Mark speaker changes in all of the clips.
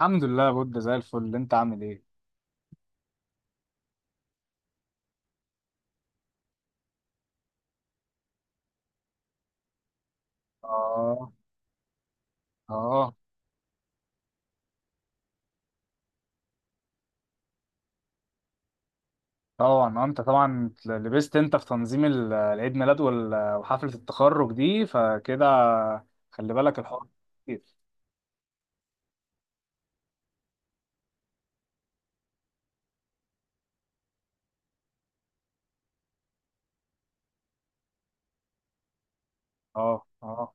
Speaker 1: الحمد لله بود زي الفل، انت عامل ايه؟ اه، اه. طبعا، انت طبعا لبست انت في تنظيم العيد ميلاد وحفلة التخرج دي، فكده خلي بالك الحوار كتير. اه، اه.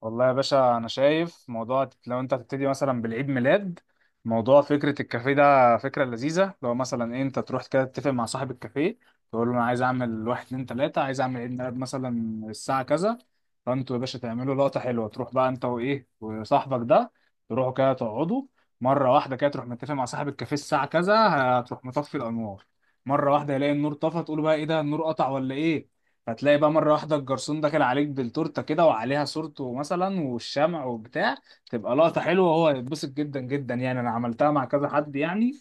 Speaker 1: والله يا باشا، انا شايف موضوع لو انت هتبتدي مثلا بالعيد ميلاد، موضوع فكره الكافيه ده فكره لذيذه. لو مثلا انت تروح كده تتفق مع صاحب الكافيه، تقول له انا عايز اعمل واحد اتنين تلاته، عايز اعمل عيد ميلاد مثلا الساعه كذا. فانتوا يا باشا تعملوا لقطه حلوه. تروح بقى انت وصاحبك ده، تروحوا كده تقعدوا، مره واحده كده تروح متفق مع صاحب الكافيه الساعه كذا هتروح مطفي الانوار. مره واحده يلاقي النور طفى، تقول بقى ايه ده، النور قطع ولا ايه؟ هتلاقي بقى مرة واحدة الجرسون داخل عليك بالتورتة كده وعليها صورته مثلا والشمع وبتاع. تبقى لقطة حلوة وهو يتبسط جدا جدا يعني. أنا عملتها مع كذا حد يعني،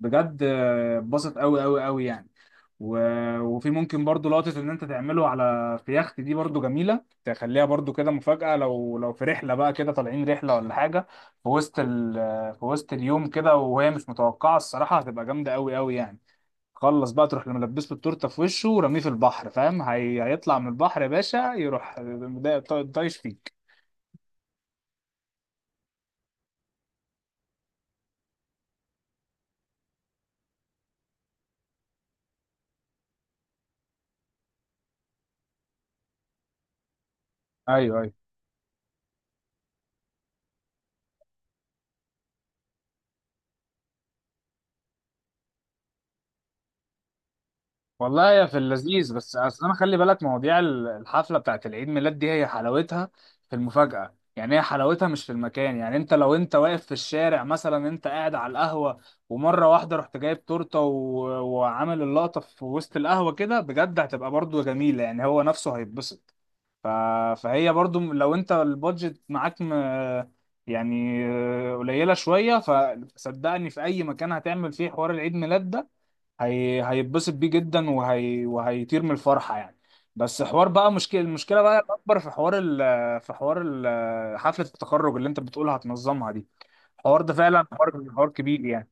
Speaker 1: بجد اتبسط أوي أوي أوي يعني. و... وفي ممكن برضو لقطة إن أنت تعمله على في يخت دي، برضو جميلة. تخليها برضو كده مفاجأة، لو في رحلة بقى كده، طالعين رحلة ولا حاجة، في وسط ال... في وسط اليوم كده وهي مش متوقعة، الصراحة هتبقى جامدة أوي أوي يعني. خلص بقى تروح لما لبسته التورته في وشه ورميه في البحر، فاهم؟ هيطلع من البحر يا باشا، يروح طايش فيك. ايوه، ايوه. والله يا في اللذيذ، بس اصل انا خلي بالك، مواضيع الحفله بتاعت العيد ميلاد دي هي حلاوتها في المفاجاه يعني. هي حلاوتها مش في المكان يعني. انت لو انت واقف في الشارع مثلا، انت قاعد على القهوه ومره واحده رحت جايب تورته وعامل اللقطه في وسط القهوه كده، بجد هتبقى برضو جميله يعني. هو نفسه هيتبسط. ف... فهي برضو لو انت البادجت معاك يعني قليله شويه، فصدقني في اي مكان هتعمل فيه حوار العيد ميلاد ده هيتبسط بيه جدا وهيطير من الفرحه يعني. بس حوار بقى مشكله، المشكله بقى الاكبر في حوار في حوار حفله التخرج اللي انت بتقولها هتنظمها دي. الحوار ده فعلا حوار كبير يعني.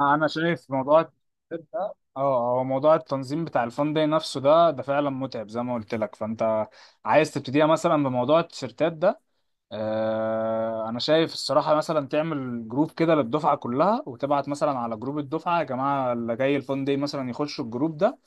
Speaker 1: انا شايف موضوع التنظيم ده، هو موضوع التنظيم بتاع الفان داي نفسه ده فعلا متعب زي ما قلت لك. فانت عايز تبتديها مثلا بموضوع التيشيرتات ده. انا شايف الصراحه مثلا تعمل جروب كده للدفعه كلها، وتبعت مثلا على جروب الدفعه يا جماعه اللي جاي الفان داي مثلا يخشوا الجروب ده.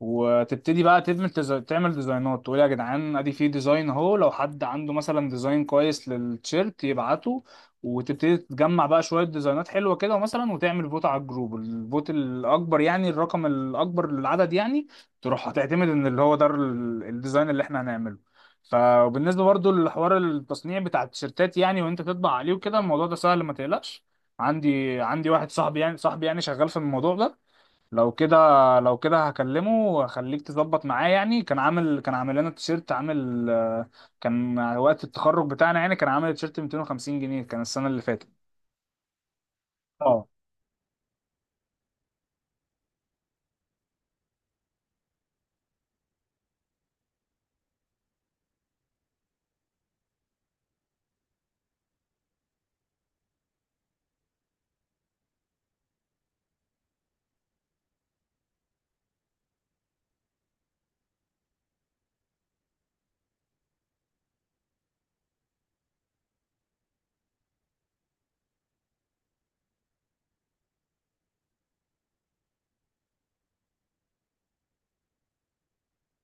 Speaker 1: وتبتدي بقى تعمل ديزاين، تعمل ديزاينات، تقول يا جدعان ادي في ديزاين اهو، لو حد عنده مثلا ديزاين كويس للتيشيرت يبعته. وتبتدي تجمع بقى شوية ديزاينات حلوة كده مثلا، وتعمل فوت على الجروب. الفوت الأكبر يعني الرقم الأكبر للعدد يعني تروح هتعتمد إن اللي هو ده الديزاين اللي احنا هنعمله. فبالنسبة برضو لحوار التصنيع بتاع التيشيرتات يعني، وانت تطبع عليه وكده، الموضوع ده سهل ما تقلقش. عندي واحد صاحبي يعني شغال في الموضوع ده. لو كده لو كده هكلمه وخليك تظبط معاه يعني. كان عامل لنا تيشيرت، عامل كان وقت التخرج بتاعنا يعني، كان عامل تيشيرت 250 جنيه، كان السنة اللي فاتت. اه.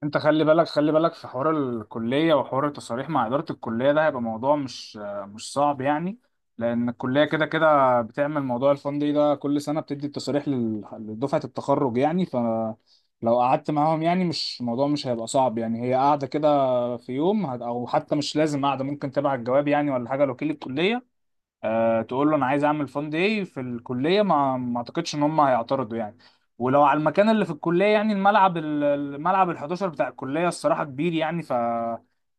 Speaker 1: انت خلي بالك في حوار الكلية وحوار التصاريح مع إدارة الكلية، ده هيبقى موضوع مش صعب يعني، لأن الكلية كده كده بتعمل موضوع الفندق ده كل سنة، بتدي التصاريح لدفعة التخرج يعني. فلو قعدت معاهم يعني، مش الموضوع مش هيبقى صعب يعني. هي قاعدة كده في يوم أو حتى مش لازم قاعدة، ممكن تبعت الجواب يعني ولا حاجة لوكيل الكلية. تقول له انا عايز اعمل فان داي في الكليه، ما اعتقدش ان هم هيعترضوا يعني. ولو على المكان اللي في الكليه يعني، الملعب الملعب ال11 بتاع الكليه الصراحه كبير يعني، ف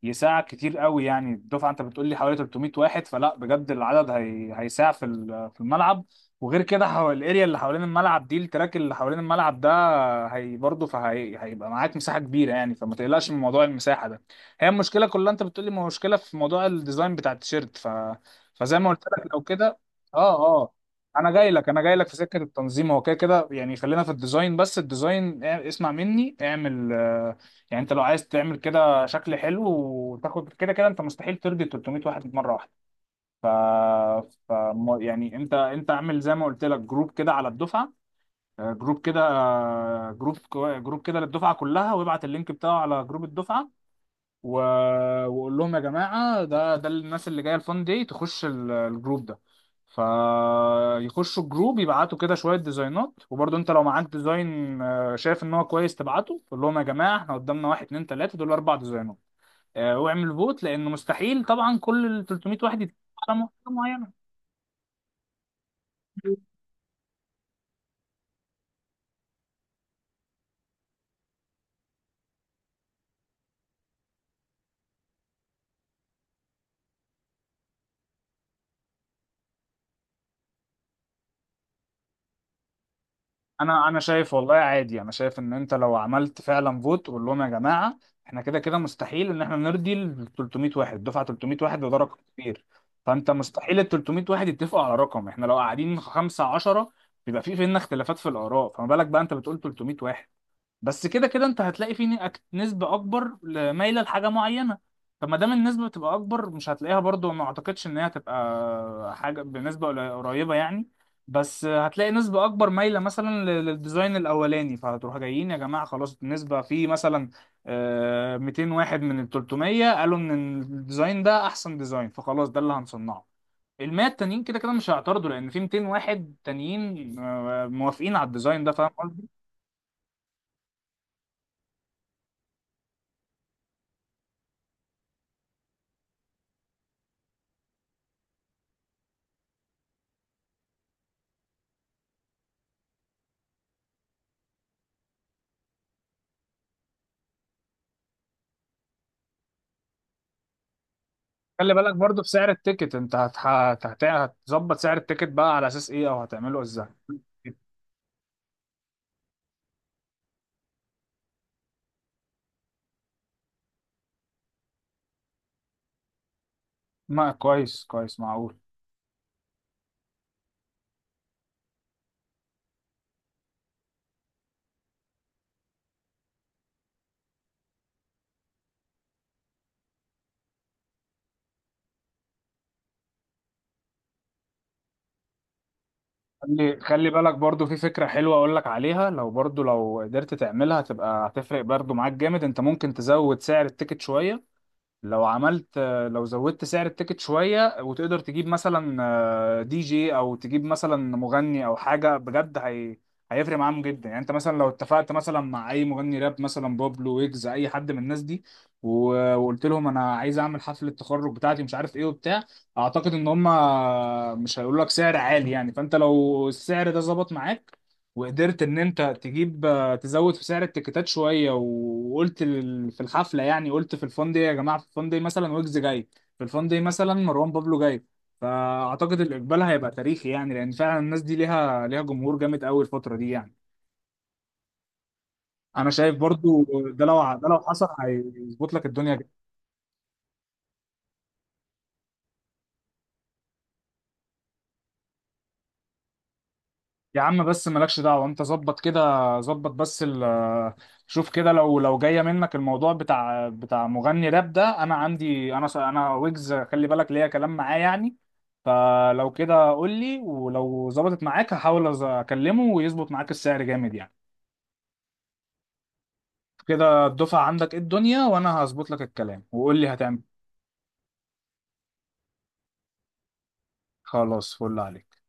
Speaker 1: يساعد كتير قوي يعني. الدفعه انت بتقول لي حوالي 300 واحد، فلا بجد العدد هيساع في في الملعب. وغير كده الاريا اللي حوالين الملعب دي، التراك اللي حوالين الملعب ده، هي برضه هيبقى معاك مساحه كبيره يعني. فما تقلقش من موضوع المساحه ده. هي المشكله كلها انت بتقول لي مشكله في موضوع الديزاين بتاع التيشيرت. فزي ما قلت لك لو كده. اه، اه. انا جاي لك في سكه التنظيم هو كده كده يعني. خلينا في الديزاين بس. الديزاين اسمع مني، اعمل يعني انت لو عايز تعمل كده شكل حلو وتاخد كده كده، انت مستحيل ترضي 300 واحد مره واحده. ف... يعني انت اعمل زي ما قلت لك جروب كده على الدفعه. جروب كده، جروب كده للدفعه كلها، وابعت اللينك بتاعه على جروب الدفعه. و... واقول لهم يا جماعه، ده الناس اللي جايه الفان دي تخش الجروب ده. فيخشوا الجروب، يبعتوا كده شويه ديزاينات. وبرضه انت لو معاك ديزاين شايف ان هو كويس، تبعته. قول لهم يا جماعه احنا قدامنا واحد اتنين تلاته دول، اربع ديزاينات واعمل فوت، لان مستحيل طبعا كل ال 300 واحد يتفق على حاجه معينه. انا شايف والله عادي، انا شايف ان انت لو عملت فعلا فوت قول لهم يا جماعه احنا كده كده مستحيل ان احنا نرضي ال 300 واحد، دفعه 300 واحد وده رقم كبير. فانت مستحيل ال 300 واحد يتفقوا على رقم، احنا لو قاعدين 5 10 بيبقى في فينا اختلافات في الاراء، فما بالك بقى انت بتقول 300 واحد. بس كده كده انت هتلاقي فيه نسبة اكبر مايلة لحاجة معينة. فما دام النسبة بتبقى اكبر، مش هتلاقيها برضو، ما اعتقدش ان هي هتبقى حاجة بنسبة قريبة يعني. بس هتلاقي نسبة اكبر مايلة مثلا للديزاين الاولاني، فهتروح جايين يا جماعة خلاص النسبة في مثلا 200 واحد من ال 300 قالوا ان الديزاين ده احسن ديزاين، فخلاص ده اللي هنصنعه. ال 100 التانيين كده كده مش هيعترضوا لان في 200 واحد تانيين موافقين على الديزاين ده، فاهم؟ خلي بالك برضو في سعر التيكت، انت هتظبط سعر التيكت بقى على اساس ايه او هتعمله ازاي؟ ما كويس كويس معقول. خلي بالك برضو، في فكرة حلوة اقول لك عليها لو برضو لو قدرت تعملها، هتفرق برضو معاك جامد. انت ممكن تزود سعر التيكت شوية. لو عملت، لو زودت سعر التيكت شوية وتقدر تجيب مثلا دي جي، او تجيب مثلا مغني او حاجة بجد هيفرق معاهم جدا يعني. انت مثلا لو اتفقت مثلا مع اي مغني راب، مثلا بابلو ويجز اي حد من الناس دي، وقلت لهم انا عايز اعمل حفلة التخرج بتاعتي مش عارف ايه وبتاع، اعتقد ان هم مش هيقولوا لك سعر عالي يعني. فانت لو السعر ده ظبط معاك وقدرت ان انت تجيب، تزود في سعر التيكيتات شويه وقلت في الحفله يعني، قلت في الفان دي يا جماعه في الفان دي مثلا ويجز جاي، في الفان دي مثلا مروان بابلو جاي. فاعتقد الاقبال هيبقى تاريخي يعني، لان فعلا الناس دي ليها جمهور جامد قوي الفتره دي يعني. انا شايف برضو ده لو حصل هيظبط لك الدنيا. يا عم بس مالكش دعوة، انت ظبط كده. ظبط بس شوف كده. لو جاية منك الموضوع بتاع مغني راب ده، انا عندي، انا ويجز خلي بالك ليا كلام معاه يعني. فلو كده قول لي، ولو ظبطت معاك هحاول اكلمه ويظبط معاك السعر جامد يعني. كده الدفعة عندك ايه الدنيا، وانا هظبط لك الكلام وقول لي هتعمل إيه. خلاص، فل عليك.